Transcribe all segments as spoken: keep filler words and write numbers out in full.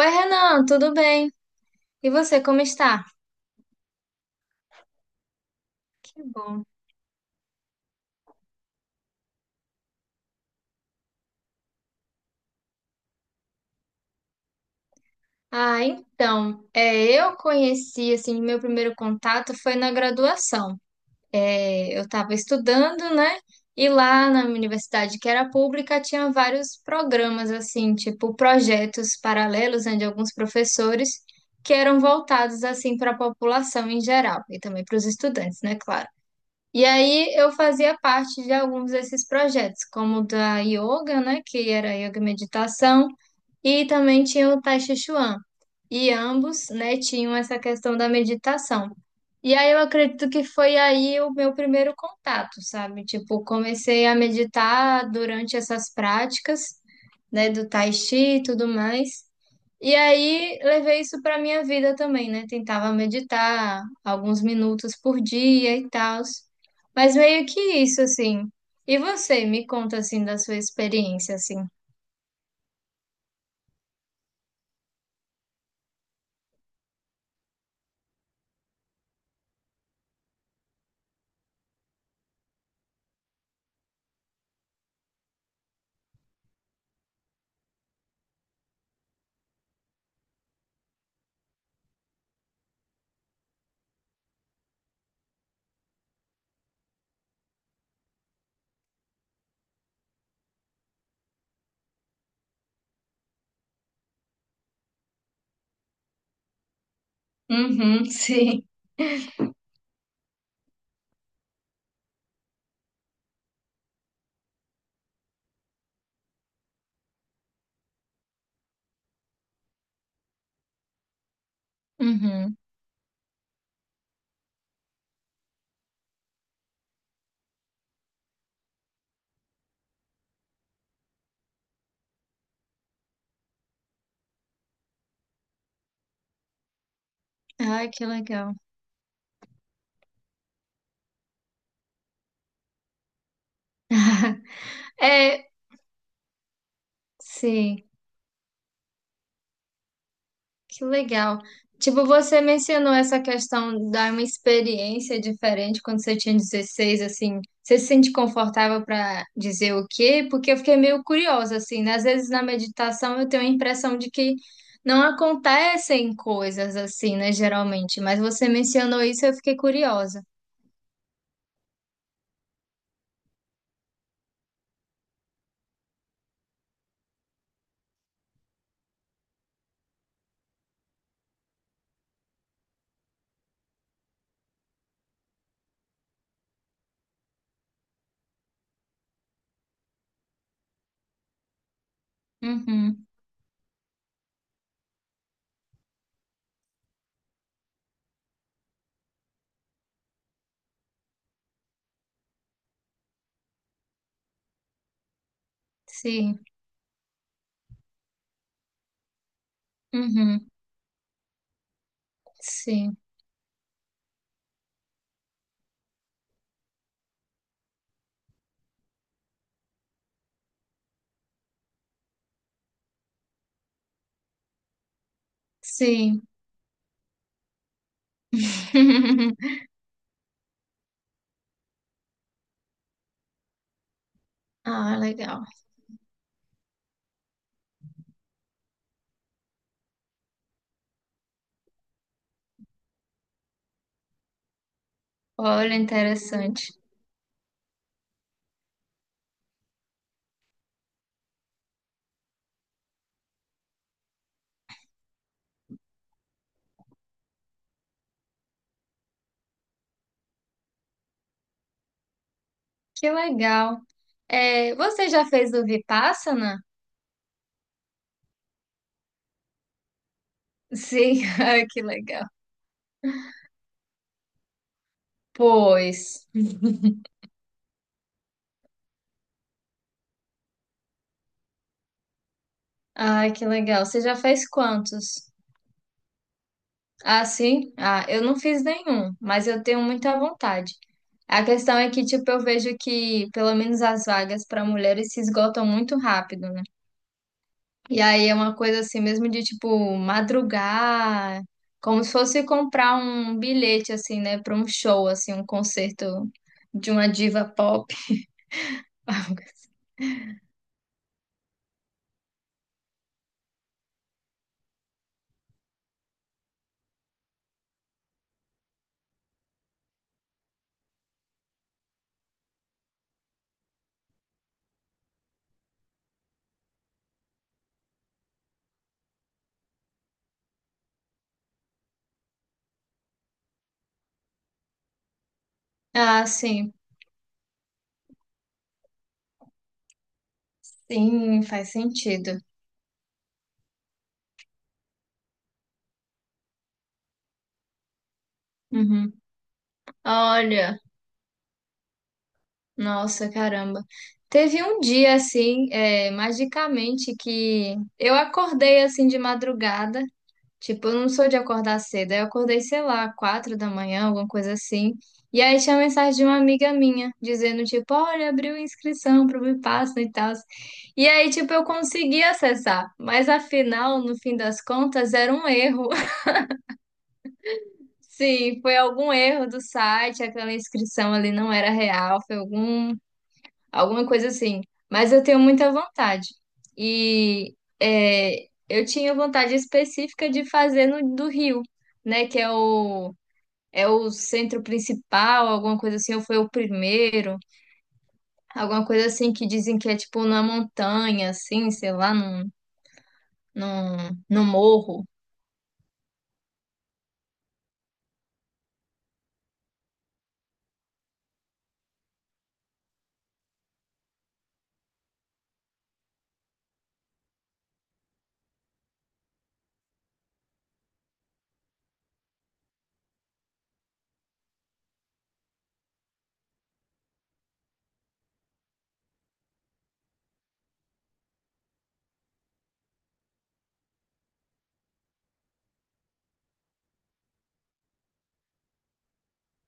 Oi, Renan, tudo bem? E você, como está? Que bom. Ah, então, é, eu conheci, assim, meu primeiro contato foi na graduação. É, eu estava estudando, né? E lá na minha universidade, que era pública, tinha vários programas, assim, tipo projetos paralelos, né, de alguns professores, que eram voltados, assim, para a população em geral, e também para os estudantes, né, claro. E aí eu fazia parte de alguns desses projetos, como o da yoga, né, que era yoga e meditação, e também tinha o Tai Chi Chuan. E ambos, né, tinham essa questão da meditação. E aí eu acredito que foi aí o meu primeiro contato, sabe? Tipo, comecei a meditar durante essas práticas, né, do Tai Chi e tudo mais. E aí levei isso para minha vida também, né? Tentava meditar alguns minutos por dia e tal. Mas meio que isso, assim. E você, me conta assim da sua experiência, assim. Uhum, sim. Uhum. Ai, que legal. É, sim. Que legal. Tipo, você mencionou essa questão da uma experiência diferente quando você tinha dezesseis assim. Você se sente confortável para dizer o quê? Porque eu fiquei meio curiosa, assim, né? Às vezes na meditação eu tenho a impressão de que não acontecem coisas assim, né? Geralmente. Mas você mencionou isso e eu fiquei curiosa. Uhum. Sim. Uhum. Sim. Sim. Ah, legal. Olha, interessante. Que legal. É, você já fez o Vipassana? Sim, ai, que legal. Pois. Ai, que legal. Você já fez quantos? Ah, sim? Ah, eu não fiz nenhum, mas eu tenho muita vontade. A questão é que, tipo, eu vejo que, pelo menos as vagas para mulheres se esgotam muito rápido, né? E aí é uma coisa assim mesmo de, tipo, madrugar, como se fosse comprar um bilhete, assim, né, para um show, assim, um concerto de uma diva pop. Ah, sim, sim, faz sentido. Uhum. Olha, nossa, caramba. Teve um dia assim, é, magicamente, que eu acordei assim de madrugada. Tipo, eu não sou de acordar cedo. Aí eu acordei, sei lá, quatro da manhã, alguma coisa assim. E aí tinha mensagem de uma amiga minha, dizendo, tipo, olha, abriu inscrição pro Vipassana e tal. E aí, tipo, eu consegui acessar. Mas afinal, no fim das contas, era um erro. Sim, foi algum erro do site, aquela inscrição ali não era real, foi algum, alguma coisa assim. Mas eu tenho muita vontade. E é, eu tinha vontade específica de fazer no do Rio, né? Que é o, é o centro principal, alguma coisa assim, ou foi o primeiro, alguma coisa assim que dizem que é tipo na montanha, assim, sei lá, num, num, num morro.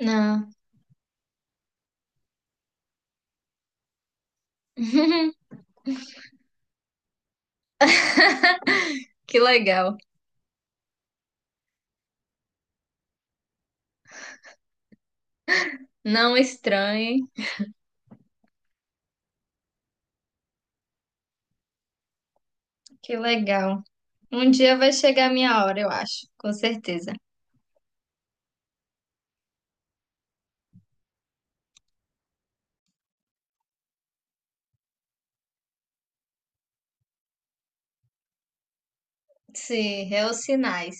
Não. Que legal. Não estranhe. Que legal. Um dia vai chegar a minha hora, eu acho, com certeza. Sim, é os sinais.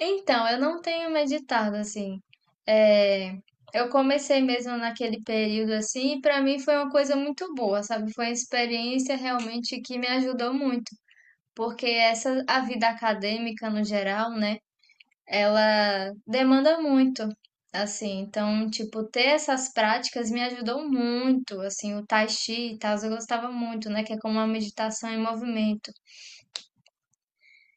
Então, eu não tenho meditado assim. É, eu comecei mesmo naquele período assim, e para mim foi uma coisa muito boa, sabe? Foi uma experiência realmente que me ajudou muito, porque essa a vida acadêmica no geral, né? Ela demanda muito, assim. Então, tipo, ter essas práticas me ajudou muito, assim, o tai chi e tal, eu gostava muito, né, que é como uma meditação em movimento.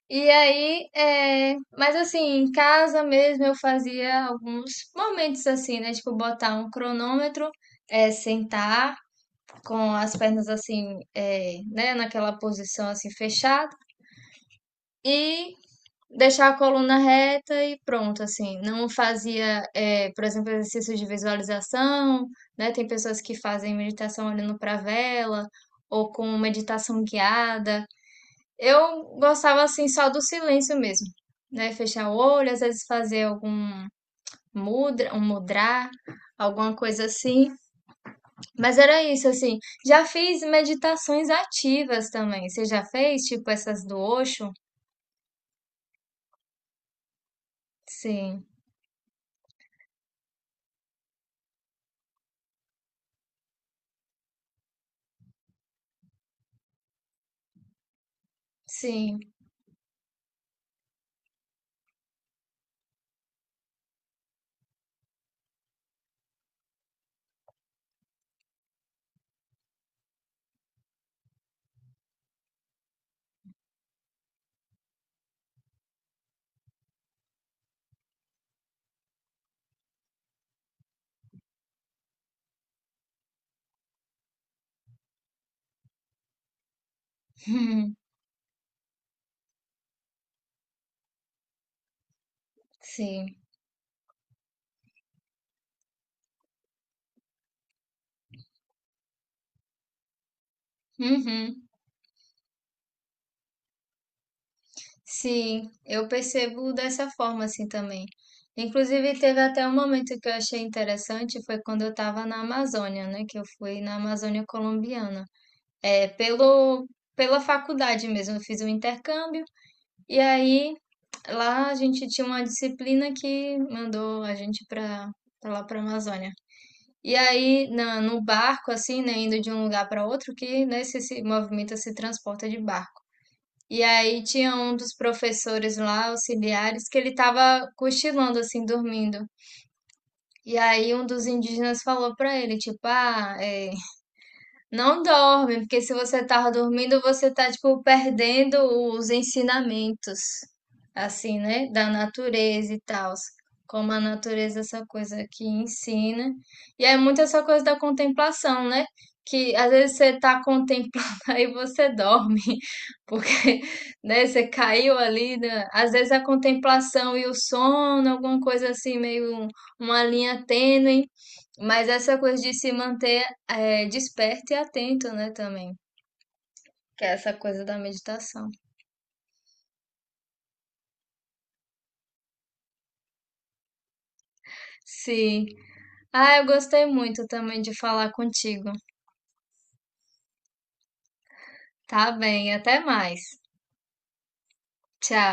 E aí, é... mas assim, em casa mesmo eu fazia alguns momentos assim, né, tipo, botar um cronômetro, é, sentar com as pernas assim, é, né, naquela posição assim fechada e deixar a coluna reta e pronto, assim. Não fazia, eh, por exemplo, exercícios de visualização, né? Tem pessoas que fazem meditação olhando para a vela ou com meditação guiada. Eu gostava assim só do silêncio mesmo, né? Fechar o olho, às vezes fazer algum mudra, um mudra, alguma coisa assim. Mas era isso assim. Já fiz meditações ativas também. Você já fez, tipo essas do Osho? Sim, sim. Sim. Uhum. Sim, eu percebo dessa forma assim também. Inclusive, teve até um momento que eu achei interessante, foi quando eu estava na Amazônia, né? Que eu fui na Amazônia colombiana. É, pelo, pela faculdade mesmo, eu fiz um intercâmbio e aí lá a gente tinha uma disciplina que mandou a gente para lá para Amazônia. E aí, na, no barco, assim, né, indo de um lugar para outro, que né, se, se movimenta, se transporta de barco. E aí tinha um dos professores lá, auxiliares, que ele tava cochilando assim, dormindo. E aí um dos indígenas falou pra ele, tipo, ah, é, não dorme, porque se você tava dormindo, você tá, tipo, perdendo os ensinamentos, assim, né? Da natureza e tal. Como a natureza, é essa coisa que ensina. E é muito essa coisa da contemplação, né? Que às vezes você tá contemplando aí você dorme, porque, né, você caiu ali, né? Às vezes a contemplação e o sono, alguma coisa assim, meio um- uma linha tênue. Mas essa coisa de se manter é, desperto e atento, né, também. Que é essa coisa da meditação. Sim. Ah, eu gostei muito também de falar contigo. Tá bem, até mais. Tchau.